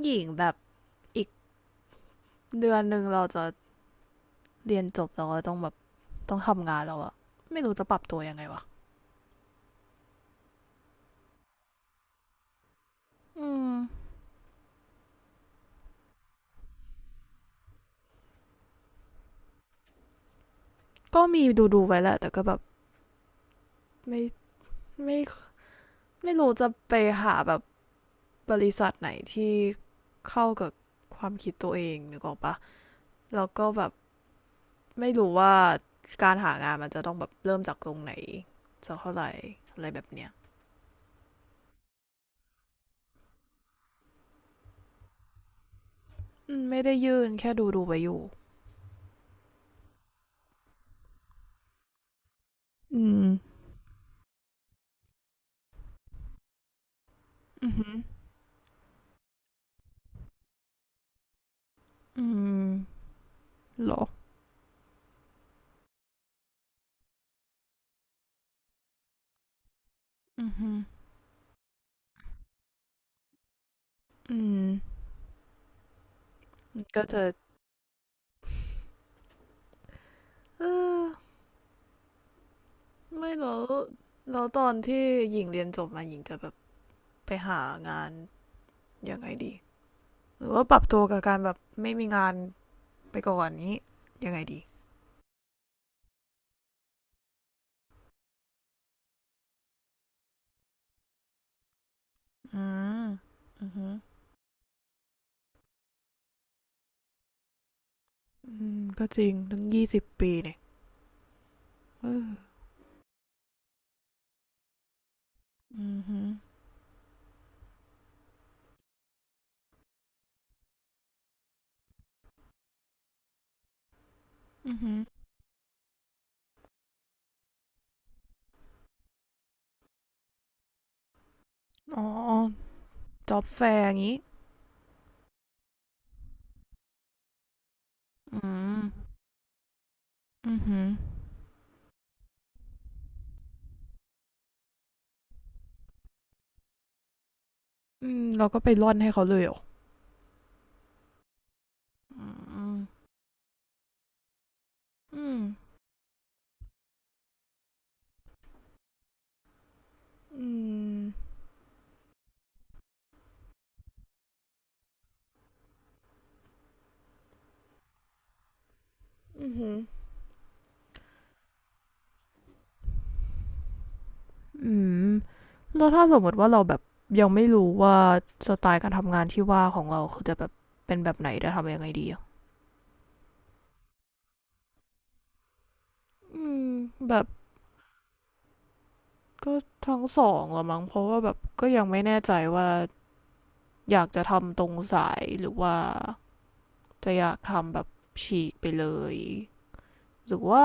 หญิงแบบอีกเดือนหนึ่งเราจะเรียนจบแล้วก็ต้องแบบต้องทำงานแล้วอะไม่รู้จะปรับตัวยังไงวะอืม ก็มีดูดูไว้แหละแต่ก็แบบไม่ไม่ไม่รู้จะไปหาแบบบริษัทไหนที่เข้ากับความคิดตัวเองนึกออกปะแล้วก็แบบไม่รู้ว่าการหางานมันจะต้องแบบเริ่มจากตรงไหนสักเท่าไหร่อะไรแบบเนี้ยอืมไม่ได้ยื่นแค่ดูดูไว้อยู่อืมอือหืออืมเหรออือหืออืม ก็จะเออไม่แล้วแล้วตอนที่หญิงเรียนจบมาหญิงจะแบบไปหางานยังไงดีหรือว่าปรับตัวกับการแบบไม่มีงานไปก่อนนี้ยังไงดีอืมอือือืมก็จริงตั้ง20 ปีเนี่ยเอออือืออือฮึอ๋อจ็อบแฟร์อย่างงี้อืมอือฮึอืมเราก็ไปร่อนให้เขาเลยเหรออืมอืมอืมอือฮึ อืมแล้วถ้าสมมติว่าเราแบบยังไม่รู้ว่าสไตล์การทำงานที่ว่าของเราคือจะแบบเป็นแบบไหนจะทำยังไงดีอะอืมแบบก็ทั้งสองละมั้งเพราะว่าแบบก็ยังไม่แน่ใจว่าอยากจะทำตรงสายหรือว่าจะอยากทำแบบฉีกไปเลยหรือว่า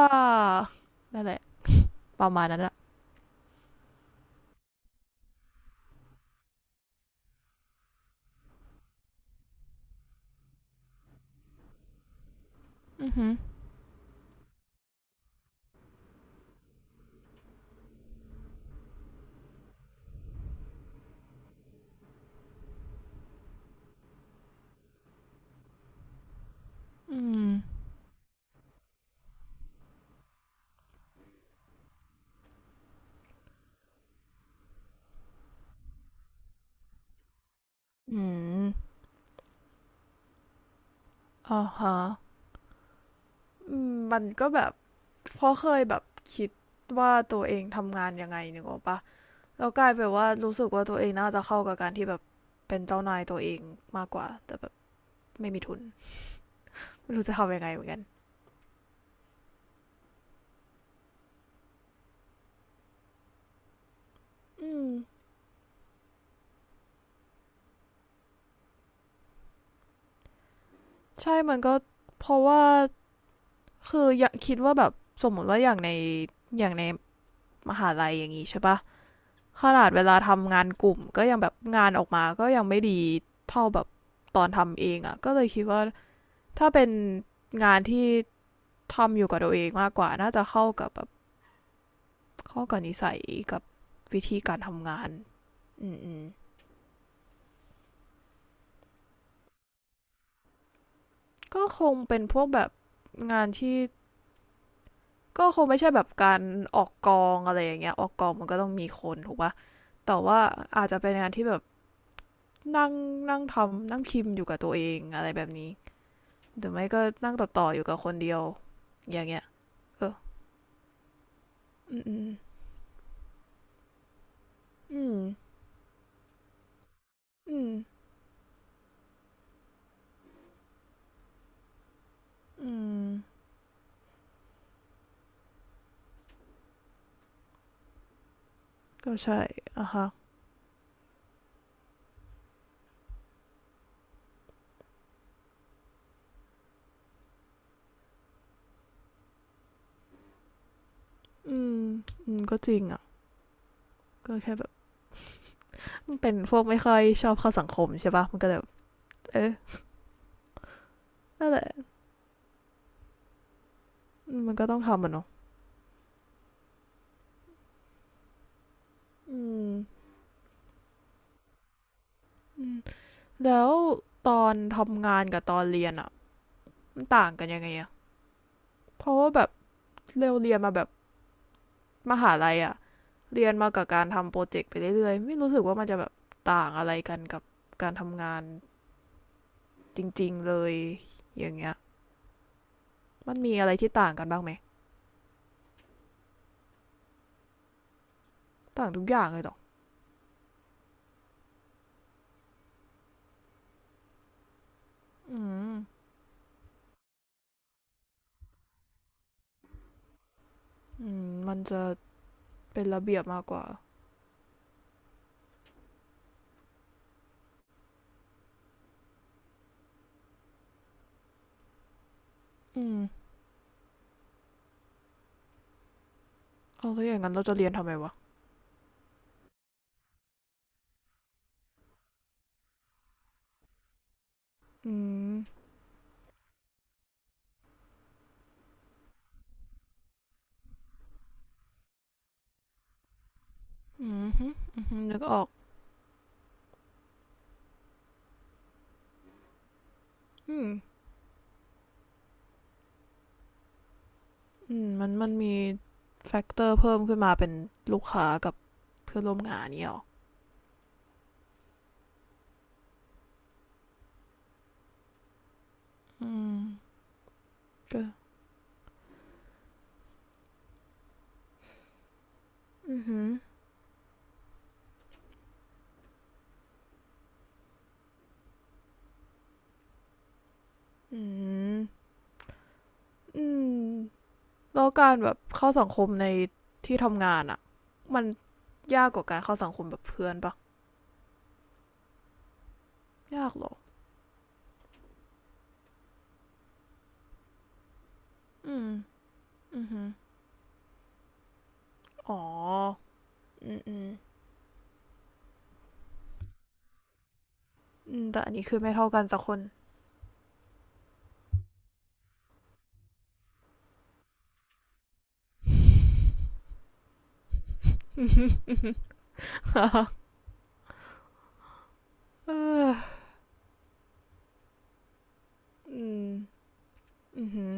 นั่นแหละประมาณนั้นอะอือหืออืมอืมอ่าฮะอืมมันก็แบบเพราะเคยแบบคิดว่าตัวเองทำงานยังไงนึกออกปะ แล้วกลายเป็นว่ารู้สึกว่าตัวเองน่าจะเข้ากับการที่แบบเป็นเจ้านายตัวเองมากกว่าแต่แบบไม่มีทุนไม่รู้จะทำยังไงเหมือนกันอืมใช่มันก็เพราะว่าคืออยากคิดว่าแบบสมมติว่าอย่างในอย่างในมหาลัยอย่างนี้ใช่ปะขนาดเวลาทำงานกลุ่มก็ยังแบบงานออกมาก็ยังไม่ดีเท่าแบบตอนทำเองอ่ะก็เลยคิดว่าถ้าเป็นงานที่ทำอยู่กับตัวเองมากกว่าน่าจะเข้ากับแบบเข้ากับนิสัยกับวิธีการทำงานอืม ก็คงเป็นพวกแบบงานที่ก็คงไม่ใช่แบบการออกกองอะไรอย่างเงี้ยออกกองมันก็ต้องมีคนถูกปะแต่ว่าอาจจะเป็นงานที่แบบนั่งนั่งทำนั่งพิมพ์อยู่กับตัวเองอะไรแบบนี้หรือไม่ก็นั่งต่ออยู่กับคนเดียวอย่างเงี้ยเอออืมอืมอืมอืมก็ใช่อ่ะฮะอืมอืมก็จริงอ่ะก็แค่แบบมันเป็นพวกไม่ค่อยชอบเข้าสังคมใช่ปะมันก็แบบเอะนั่นแหละมันก็ต้องทำมันเนาะอืมอืม แล้วตอนทำงานกับตอนเรียนอ่ะมันต่างกันยังไงอ่ะเพราะว่าแบบเร็วเรียนมาแบบมหาลัยอ่ะเรียนมากับการทำโปรเจกต์ไปเรื่อยๆไม่รู้สึกว่ามันจะแบบต่างอะไรกันกับการทำงานจริงๆเลยอย่างเงี้ยมันมีอะไรที่ต่างกันบ้างไหมต่างทุกอย่างเลยหรออืมอืมมันจะเป็นระเบียบมากกว่าอืมเอาแล้วอย่างนั้นเราจะเรียนทำไมวะอืมอืมอืมนึกออกอืม อืมมันมีแฟกเตอร์เพิ่มขึ้นมาเป็นลูกค้ากับเพื่อนร่วมงานเนี่ยหรออืมก็อือหืออืมอืมแล้วการแบบเข้าสังคมในที่ทำงานอะมันยากกว่าการเข้าสังคมแบบเพื่อนปะ ยากเหรออืมอือหืออ๋ออืมอืมอืมแต่อันนี้คือไม่เท่ากันสักคน เอออืมอือหือ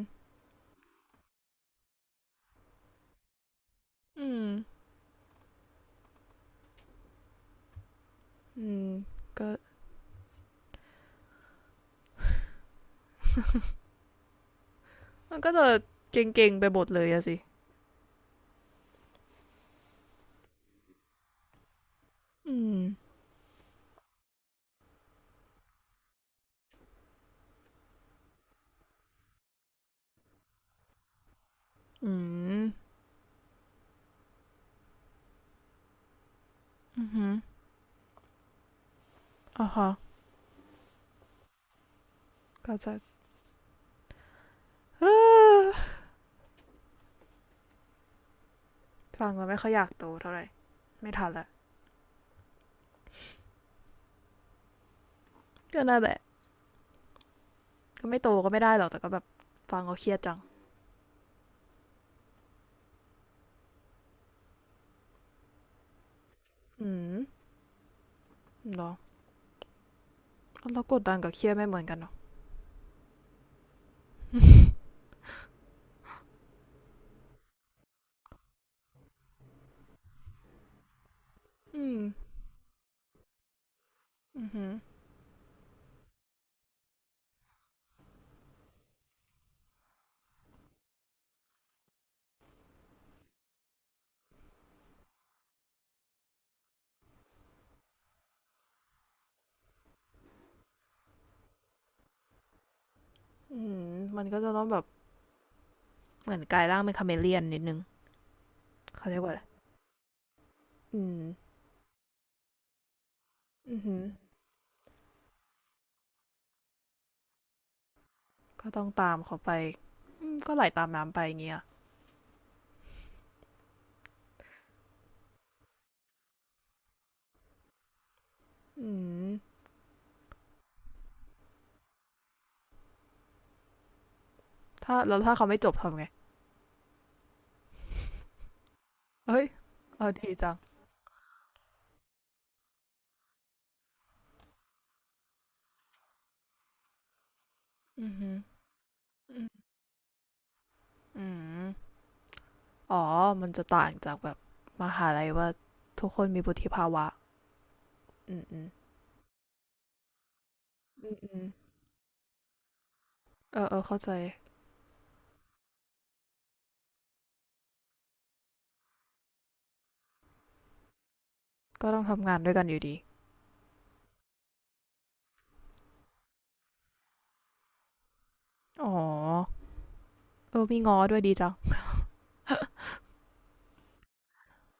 อืมอืมก็มันก็จะเก่งๆไปหมดเลยอะสิ อืมอืมอือฮึอ่าฮะก็จะ อ้าฟังแล้วไม่ค่อยอยากโตเท่าไหร่ ไม่ทันละก็น่าแหละก็ไม่โตก็ไม่ได้หรอก แต่ก็แบบฟังก็เครียดจังอืมเหรอแล้วกดดันกับเครียดไม่เหมือนกันเนาะอืมอือฮึอืมมันก็จะต้องแบบเหมือนกลายร่างเป็นคาเมเลียนนิดนึงเขาเรียกว่าอะไรอืมอือฮึก็ต้องตามเขาไปอืมก็ไหลตามน้ำไปอย่างเงี้ยอืมถ้าแล้วถ้าเขาไม่จบทำไงเฮ้ยเออดีจังอือฮึอื อืมอ๋อมันจะต่างจากแบบมหาลัยว่าทุกคนมีวุฒิภาวะอืมอืมอืมอืมเออ เออ เข้าใจ ก็ต้องทำงานด้วยกันอยู่ดี อ๋อ เออมีง้อด้วยดีจัง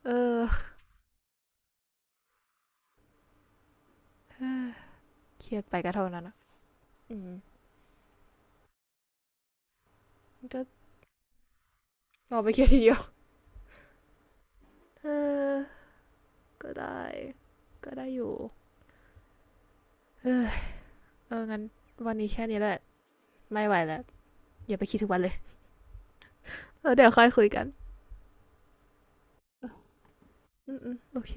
เออ เครียดไปก็เท่านั้นอะอืมก็รอไปเครียดทีเดียว เออ ก็ได้ ก็ได้อยู่เออเอองั้นวันนี้แค่นี้แหละ ไม่ไหวแล้วอย่าไปคิดถึงวันเลยเออเดี๋ยวค่อยคุยกันอืมอืมโอเค